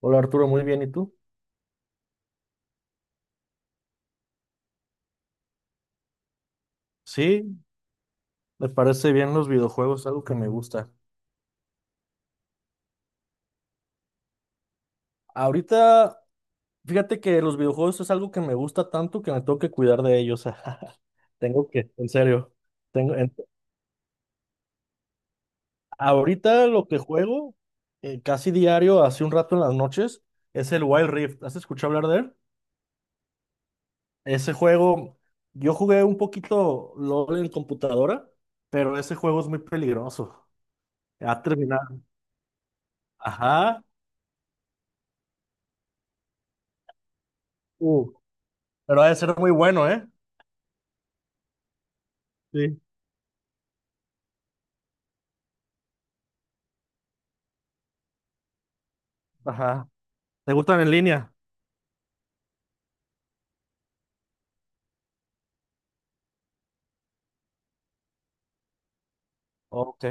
Hola Arturo, muy bien, ¿y tú? Sí, me parece bien los videojuegos, algo que me gusta. Ahorita, fíjate que los videojuegos es algo que me gusta tanto que me tengo que cuidar de ellos. Tengo que, en serio. Tengo, en- Ahorita lo que juego casi diario, hace un rato en las noches, es el Wild Rift. ¿Has escuchado hablar de él? Ese juego, yo jugué un poquito LOL en computadora, pero ese juego es muy peligroso. Ha terminado. Ajá. Uh, pero ha de ser muy bueno, ¿eh? Ajá. ¿Te gustan en línea? Ok,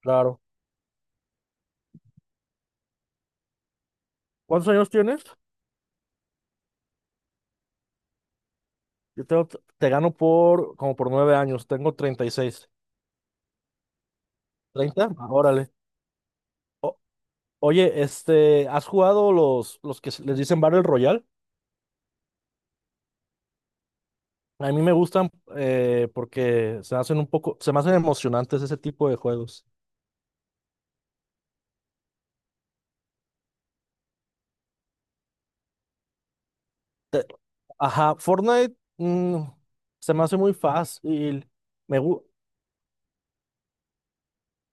claro. ¿Cuántos años tienes? Yo tengo, te gano por como por 9 años. Tengo 36. ¿30? Ah, órale. Oye, este, ¿has jugado los que se- les dicen Battle Royale? A mí me gustan porque se hacen un poco, se me hacen emocionantes ese tipo de juegos. Te- Ajá, Fortnite se me hace muy fácil. Me, gu-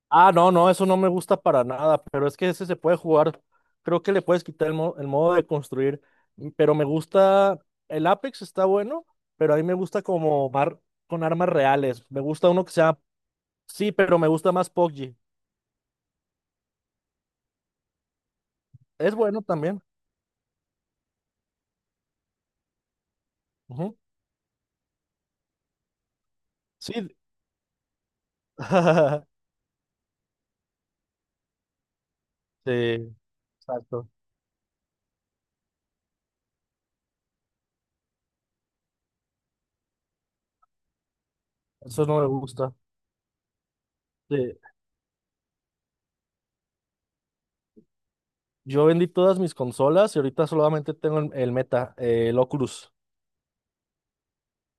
Ah, no, no, eso no me gusta para nada, pero es que ese se puede jugar. Creo que le puedes quitar el, el modo de construir, pero me gusta, el Apex está bueno, pero a mí me gusta con armas reales. Me gusta uno que sea, sí, pero me gusta más PUBG. Es bueno también. Ujú. Sí. Sí, exacto. Eso no me gusta. Sí. Yo vendí todas mis consolas y ahorita solamente tengo el Meta, el Oculus.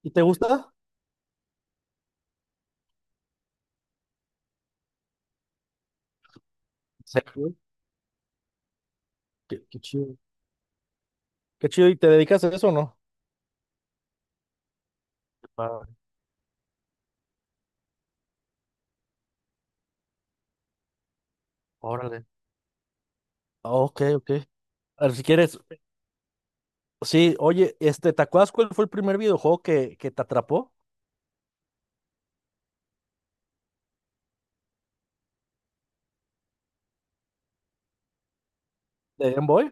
¿Y te gusta? Sí. Qué chido. Qué chido. ¿Y te dedicas a eso o no? Ah, órale. Ah, ok, ok. A ver, si quieres, sí, oye, este, ¿te acuerdas cuál fue el primer videojuego que te atrapó de Game Boy?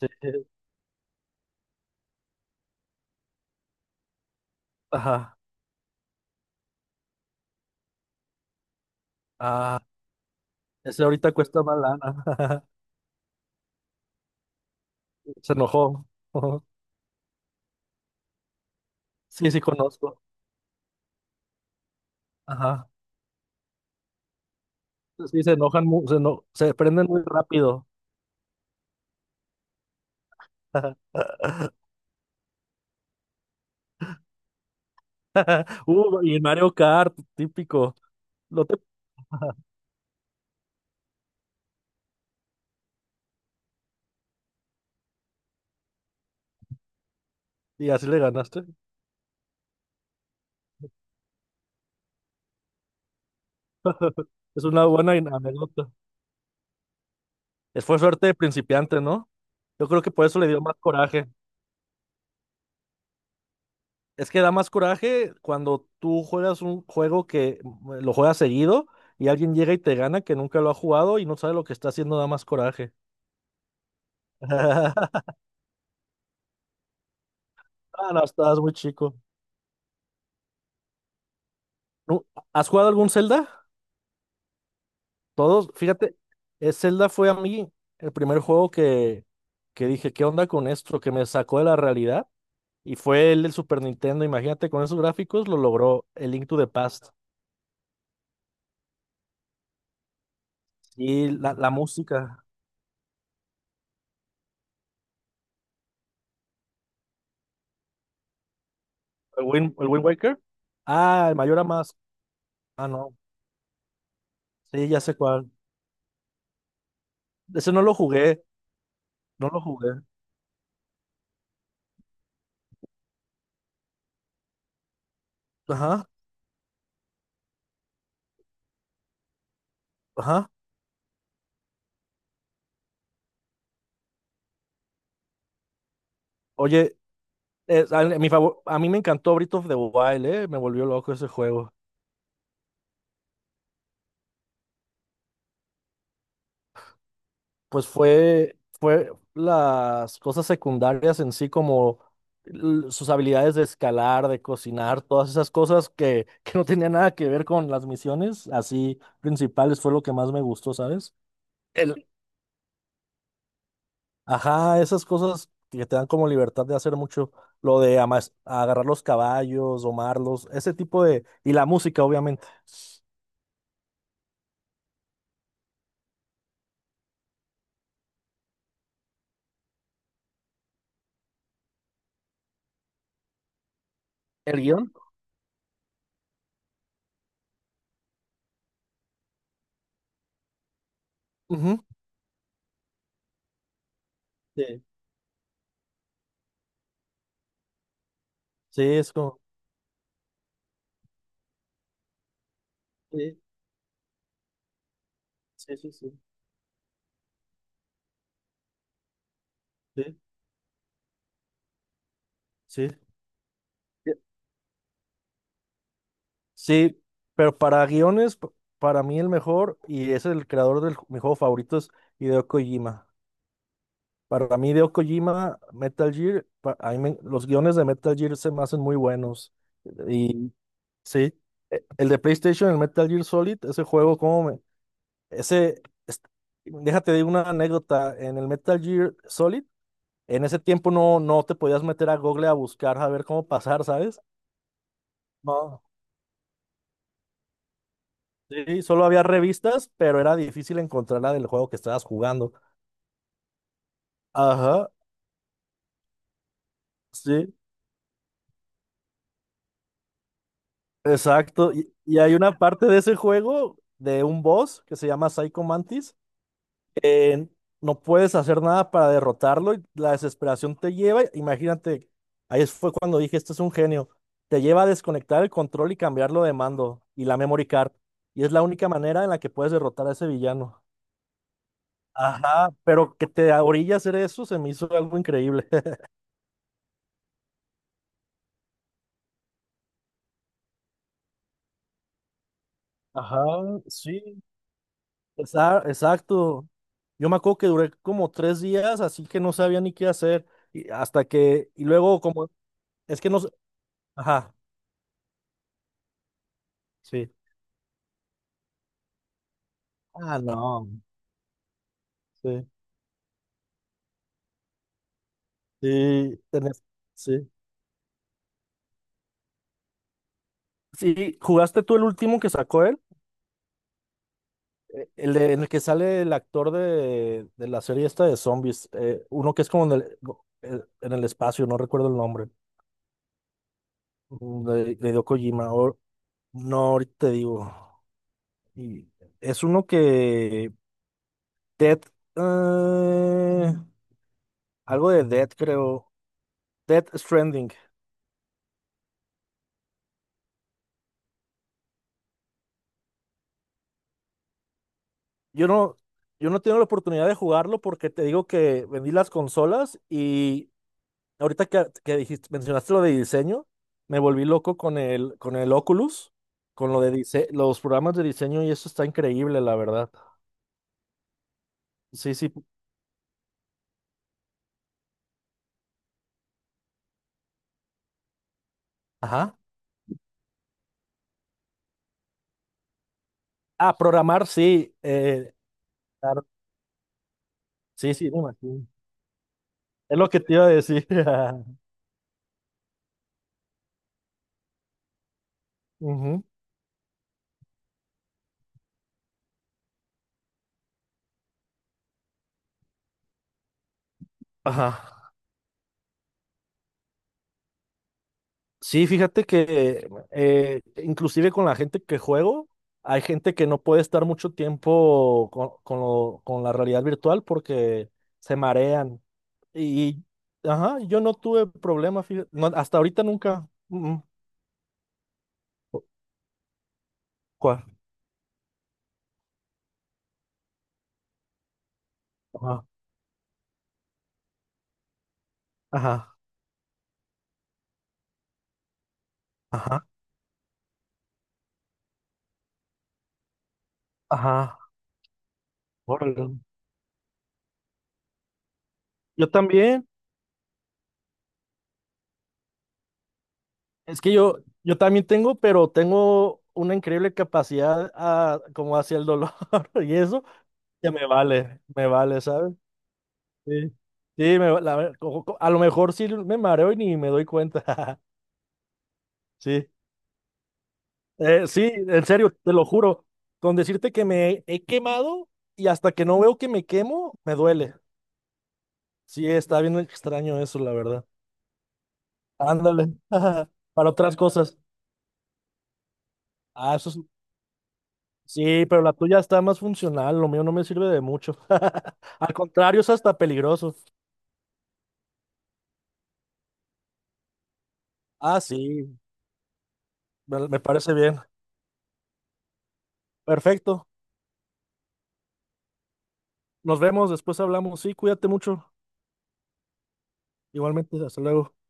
Sí. Ajá. Ah, ese ahorita cuesta más lana. Se enojó. Sí, sí conozco. Ajá. Sí, se enojan, se prenden muy rápido. Y el Mario Kart, típico. Lo te- Y así le ganaste. Es una buena anécdota. Fue suerte de principiante, ¿no? Yo creo que por eso le dio más coraje. Es que da más coraje cuando tú juegas un juego que lo juegas seguido y alguien llega y te gana que nunca lo ha jugado y no sabe lo que está haciendo, da más coraje. Ah, no, estabas muy chico. Nu- ¿Has jugado algún Zelda? Todos, fíjate, Zelda fue a mí el primer juego que dije, ¿qué onda con esto? Que me sacó de la realidad. Y fue el del Super Nintendo. Imagínate, con esos gráficos lo logró el Link to the Past. Y la música. El Wind Waker? Ah, el Mayor Mask. Ah, no. Sí, ya sé cuál. Ese no lo jugué, no lo jugué. Ajá, ajá. Oye, a mí me encantó Breath of the Wild, me volvió loco ese juego. Pues fue las cosas secundarias en sí, como sus habilidades de escalar, de cocinar, todas esas cosas que, que no tenían nada que ver con las misiones, así principales, fue lo que más me gustó, ¿sabes? El Ajá, esas cosas que te dan como libertad de hacer mucho, lo de agarrar los caballos, domarlos, ese tipo de... Y la música, obviamente. ¿El guión? Ujú. Sí, sí, es como... Sí, sí, sí, sí, sí, sí. Sí, pero para guiones, para mí el mejor, y es el creador de mi juego favorito, es Hideo Kojima. Para mí, Hideo Kojima, Metal Gear, los guiones de Metal Gear se me hacen muy buenos. Sí, el de PlayStation, el Metal Gear Solid, ese juego, como me... Ese, déjate de una anécdota, en el Metal Gear Solid, en ese tiempo no te podías meter a Google a buscar, a ver cómo pasar, ¿sabes? No. Sí, solo había revistas, pero era difícil encontrar la del juego que estabas jugando. Ajá, sí, exacto. Y hay una parte de ese juego, de un boss que se llama Psycho Mantis, eh, no puedes hacer nada para derrotarlo y la desesperación te lleva, imagínate, ahí fue cuando dije, esto es un genio, te lleva a desconectar el control y cambiarlo de mando y la memory card. Y es la única manera en la que puedes derrotar a ese villano. Ajá, pero que te orilla a hacer eso se me hizo algo increíble. Ajá, sí. Exacto. Yo me acuerdo que duré como 3 días, así que no sabía ni qué hacer. Y hasta que, y luego como, es que no, ajá, sí, Ah, no. Sí. Sí, sí. Sí, ¿jugaste tú el último que sacó él? En el que sale el actor de la serie esta de zombies, uno que es como en el espacio, no recuerdo el nombre, de Hideo Kojima, no, ahorita te digo. Y es uno que, Dead, eh, algo de Dead creo, Dead Stranding. Yo no, yo, no tengo la oportunidad de jugarlo porque te digo que vendí las consolas y ahorita que dijiste, mencionaste lo de diseño, me volví loco con el Oculus, con lo de los programas de diseño y eso está increíble, la verdad. Sí, sí. Ajá. Ah, programar, sí. Claro. Sí, sí, me imagino. Es lo que te iba a decir. Ujú. Ajá. Sí, fíjate que inclusive con la gente que juego, hay gente que no puede estar mucho tiempo con, con la realidad virtual porque se marean. Y, ajá, yo no tuve problemas, fíjate, no, hasta ahorita nunca. Mm. ¿Cuál? Ajá, ajá, ajá, ajá, órale. Yo también, es que yo también tengo, pero tengo una increíble capacidad a, como hacia el dolor y eso, que me vale, ¿sabes? Sí, sí, me va- la ver- co- co- a lo mejor sí me mareo y ni me doy cuenta, sí. Sí, en serio, te lo juro. Con decirte que me he quemado y hasta que no veo que me quemo, me duele. Sí, está bien extraño eso, la verdad. Ándale, para otras cosas. Ah, eso es- Sí, pero la tuya está más funcional, lo mío no me sirve de mucho. Al contrario, es hasta peligroso. Ah, sí, me parece bien. Perfecto. Nos vemos, después hablamos. Sí, cuídate mucho. Igualmente, hasta luego.